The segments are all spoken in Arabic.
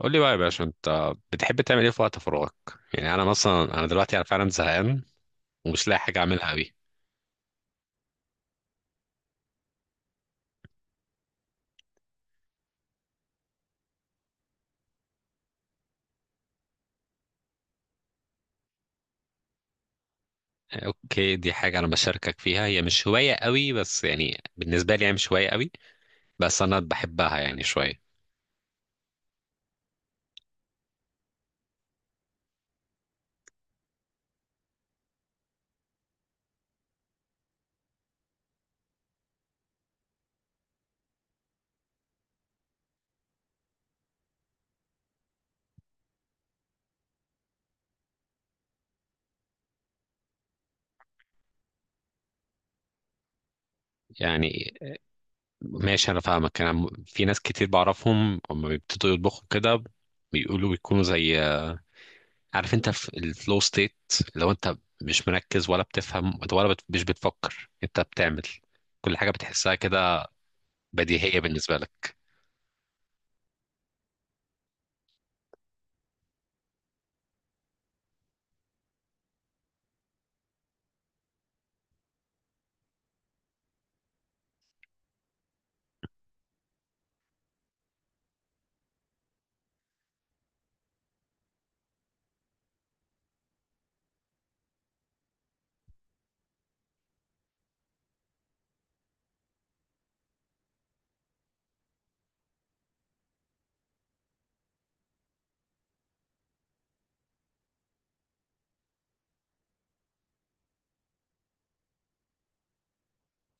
قول لي بقى يا باشا، انت بتحب تعمل ايه في وقت فراغك؟ يعني انا مثلا انا دلوقتي انا فعلا زهقان، ومش لاقي حاجه اعملها قوي. اوكي، دي حاجه انا بشاركك فيها، هي مش هوايه قوي، بس يعني بالنسبه لي هي مش هوايه قوي، بس انا بحبها يعني شويه. يعني ماشي، انا فاهمك، في ناس كتير بعرفهم اما بيبتدوا يطبخوا كده، بيقولوا بيكونوا زي، عارف انت في الفلو ستيت، لو انت مش مركز ولا بتفهم ولا مش بتفكر، انت بتعمل كل حاجه بتحسها كده بديهيه بالنسبه لك.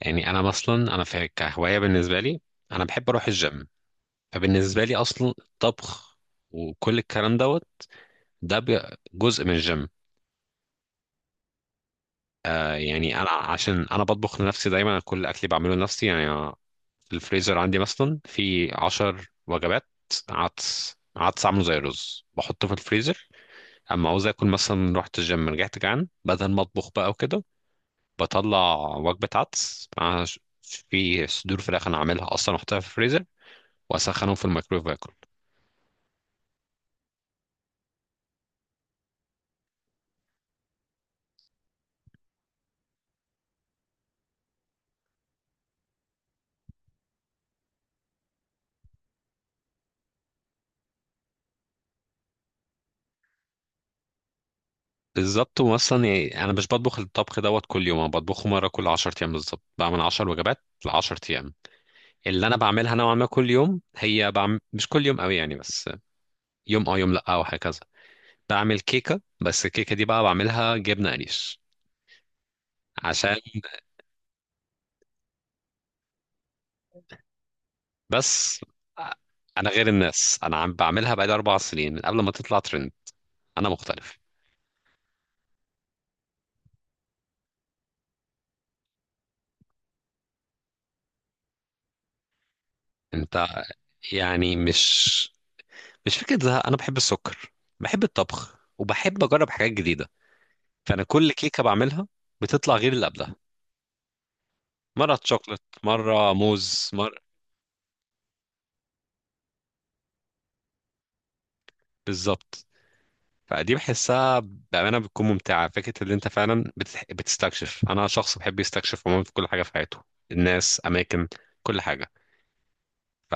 يعني انا اصلا انا في كهوايه بالنسبه لي، انا بحب اروح الجيم، فبالنسبه لي اصلا الطبخ وكل الكلام دوت ده جزء من الجيم. يعني انا عشان انا بطبخ لنفسي دايما، كل اكلي بعمله لنفسي يعني أنا في الفريزر عندي مثلا في عشر وجبات. عدس عدس عامله زي الرز بحطه في الفريزر، اما عاوز اكل مثلا رحت الجيم رجعت جعان، بدل ما اطبخ بقى وكده بطلع وجبه عدس مع في صدور فراخ انا عاملها اصلا احطها في الفريزر واسخنهم في الميكرويف واكل. بالظبط، واصلا يعني انا مش بطبخ الطبخ دوت كل يوم، انا بطبخه مره كل 10 ايام، بالظبط بعمل 10 وجبات ل 10 ايام. اللي انا بعملها نوعا ما كل يوم، هي بعمل مش كل يوم قوي يعني، بس يوم اه يوم لا او هكذا. بعمل كيكه، بس الكيكه دي بقى بعملها جبنه قريش عشان بس. انا غير الناس، انا عم بعملها بقالي اربع سنين من قبل ما تطلع ترند. انا مختلف. انت يعني مش فكرة زهق، أنا بحب السكر، بحب الطبخ وبحب أجرب حاجات جديدة. فأنا كل كيكة بعملها بتطلع غير اللي قبلها، مرة شوكلت مرة موز مرة. بالظبط. فدي بحسها بأمانة بتكون ممتعة، فكرة اللي أنت فعلا بتستكشف. أنا شخص بحب يستكشف عموما في كل حاجة في حياته، الناس، أماكن، كل حاجة. ف...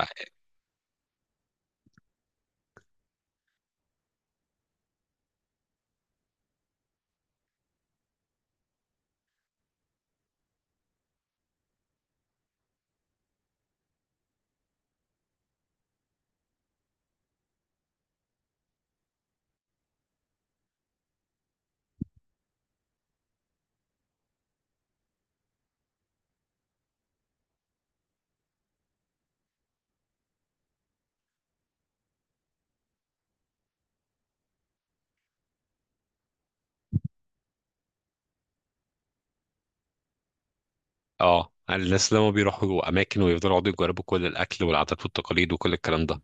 اه الناس لما بيروحوا أماكن ويفضلوا يقعدوا يجربوا كل الأكل والعادات والتقاليد وكل الكلام ده.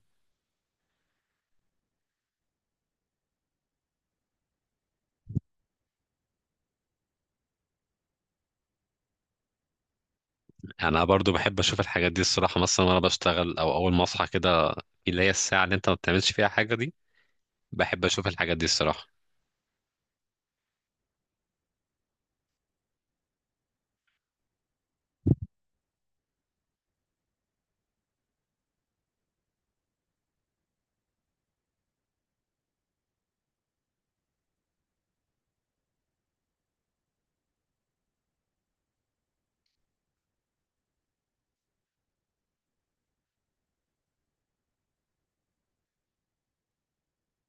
أنا برضو بحب أشوف الحاجات دي الصراحة، مثلا وأنا بشتغل أو أول ما أصحى كده، اللي هي الساعة اللي انت ما بتعملش فيها حاجة دي، بحب اشوف الحاجات دي الصراحة.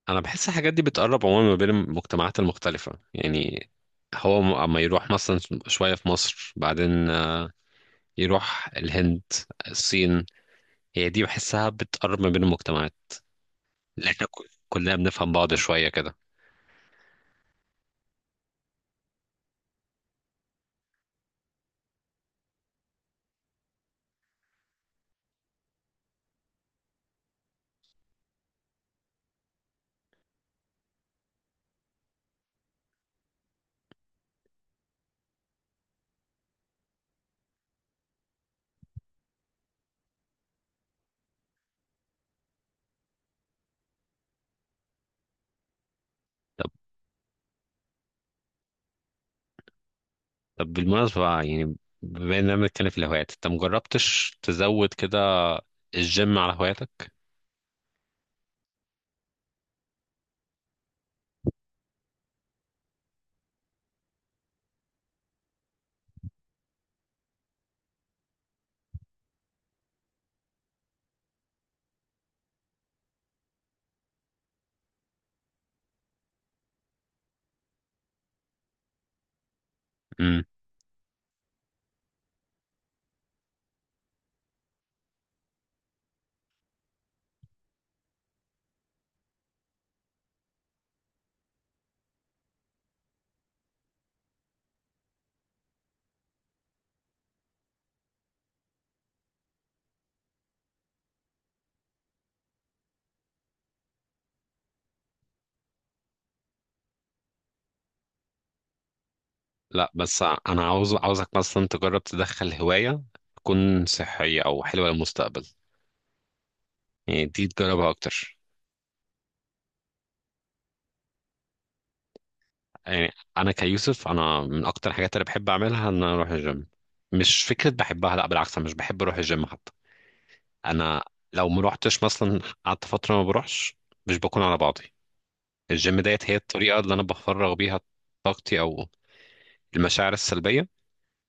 انا بحس الحاجات دي بتقرب عموما ما بين المجتمعات المختلفة، يعني هو اما يروح مثلا شوية في مصر، بعدين يروح الهند، الصين، هي دي بحسها بتقرب ما بين المجتمعات، لان احنا كلنا بنفهم بعض شوية كده. طب طب بالمناسبة بقى، يعني بما اننا بنتكلم في الهوايات، انت مجربتش تزود كده الجيم على هواياتك؟ لا، بس انا عاوزك مثلا تجرب تدخل هواية تكون صحية او حلوة للمستقبل، يعني دي تجربها اكتر. يعني انا كيوسف، انا من اكتر الحاجات اللي بحب اعملها ان انا اروح الجيم، مش فكرة بحبها، لا بالعكس انا مش بحب اروح الجيم حتى، انا لو ما روحتش مثلا قعدت فترة ما بروحش مش بكون على بعضي. الجيم ديت هي الطريقة اللي انا بفرغ بيها طاقتي، او المشاعر السلبية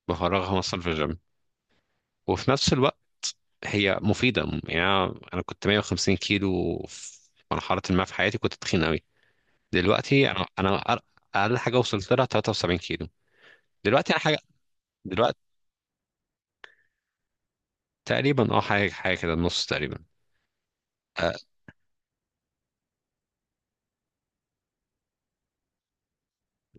بفرغها مثلا في الجيم. وفي نفس الوقت هي مفيدة، يعني أنا كنت 150 كيلو في مرحلة ما في حياتي، كنت تخين أوي. دلوقتي أنا أقل حاجة وصلت لها 73 كيلو. دلوقتي أنا حاجة دلوقتي تقريبا، أه، حاجة حاجة كده النص تقريبا. آه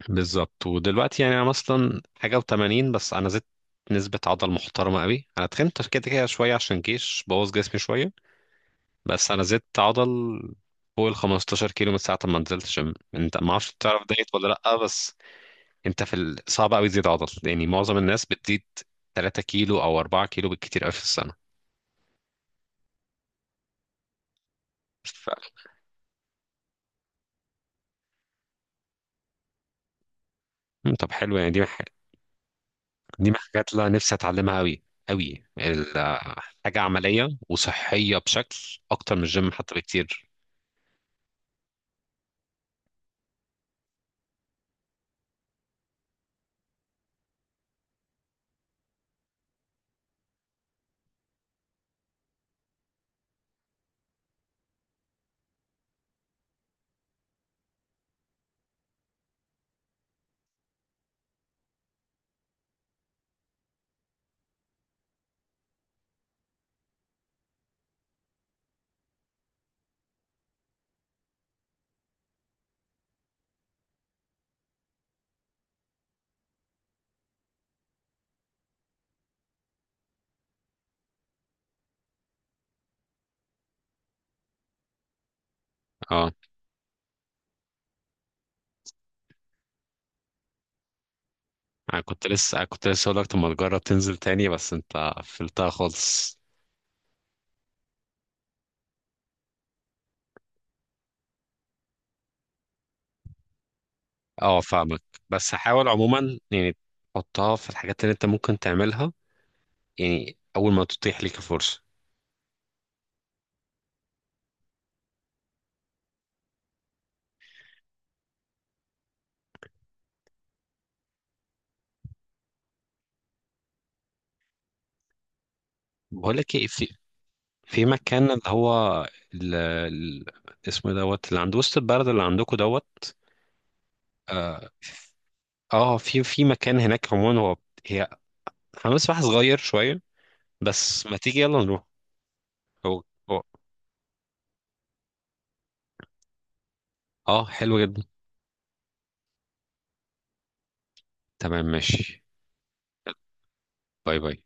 بالظبط، ودلوقتي يعني أنا مثلا حاجة و80 بس، أنا زدت نسبة عضل محترمة أوي، أنا تخنت كده كده شوية عشان جيش بوظ جسمي شوية. بس أنا زدت عضل فوق ال 15 كيلو من ساعة ما نزلت جيم. أنت ما أعرفش تعرف دايت ولا لأ، بس انت صعب قوي تزيد عضل، يعني معظم الناس بتزيد 3 كيلو او 4 كيلو بالكتير قوي في السنه. بالفعل. مم، طب حلو، يعني دي من الحاجات اللي أنا نفسي اتعلمها قوي قوي حاجه عمليه وصحيه بشكل اكتر من الجيم حتى بكتير. اه انا كنت لسه أنا كنت لسه اقول لك، طب ما تجرب تنزل تاني، بس انت قفلتها خالص. اه، فاهمك، بس حاول عموما يعني تحطها في الحاجات اللي انت ممكن تعملها، يعني اول ما تتيح ليك الفرصه. بقول لك ايه، في مكان اللي هو ال... ال- اسمه إيه دوت اللي عند وسط البلد اللي عندكم دوت. اه. في مكان هناك عموما، هي حمام سباحة صغير شوية، بس ما تيجي يلا نروح. هو هو اه حلو جدا. تمام ماشي. باي باي.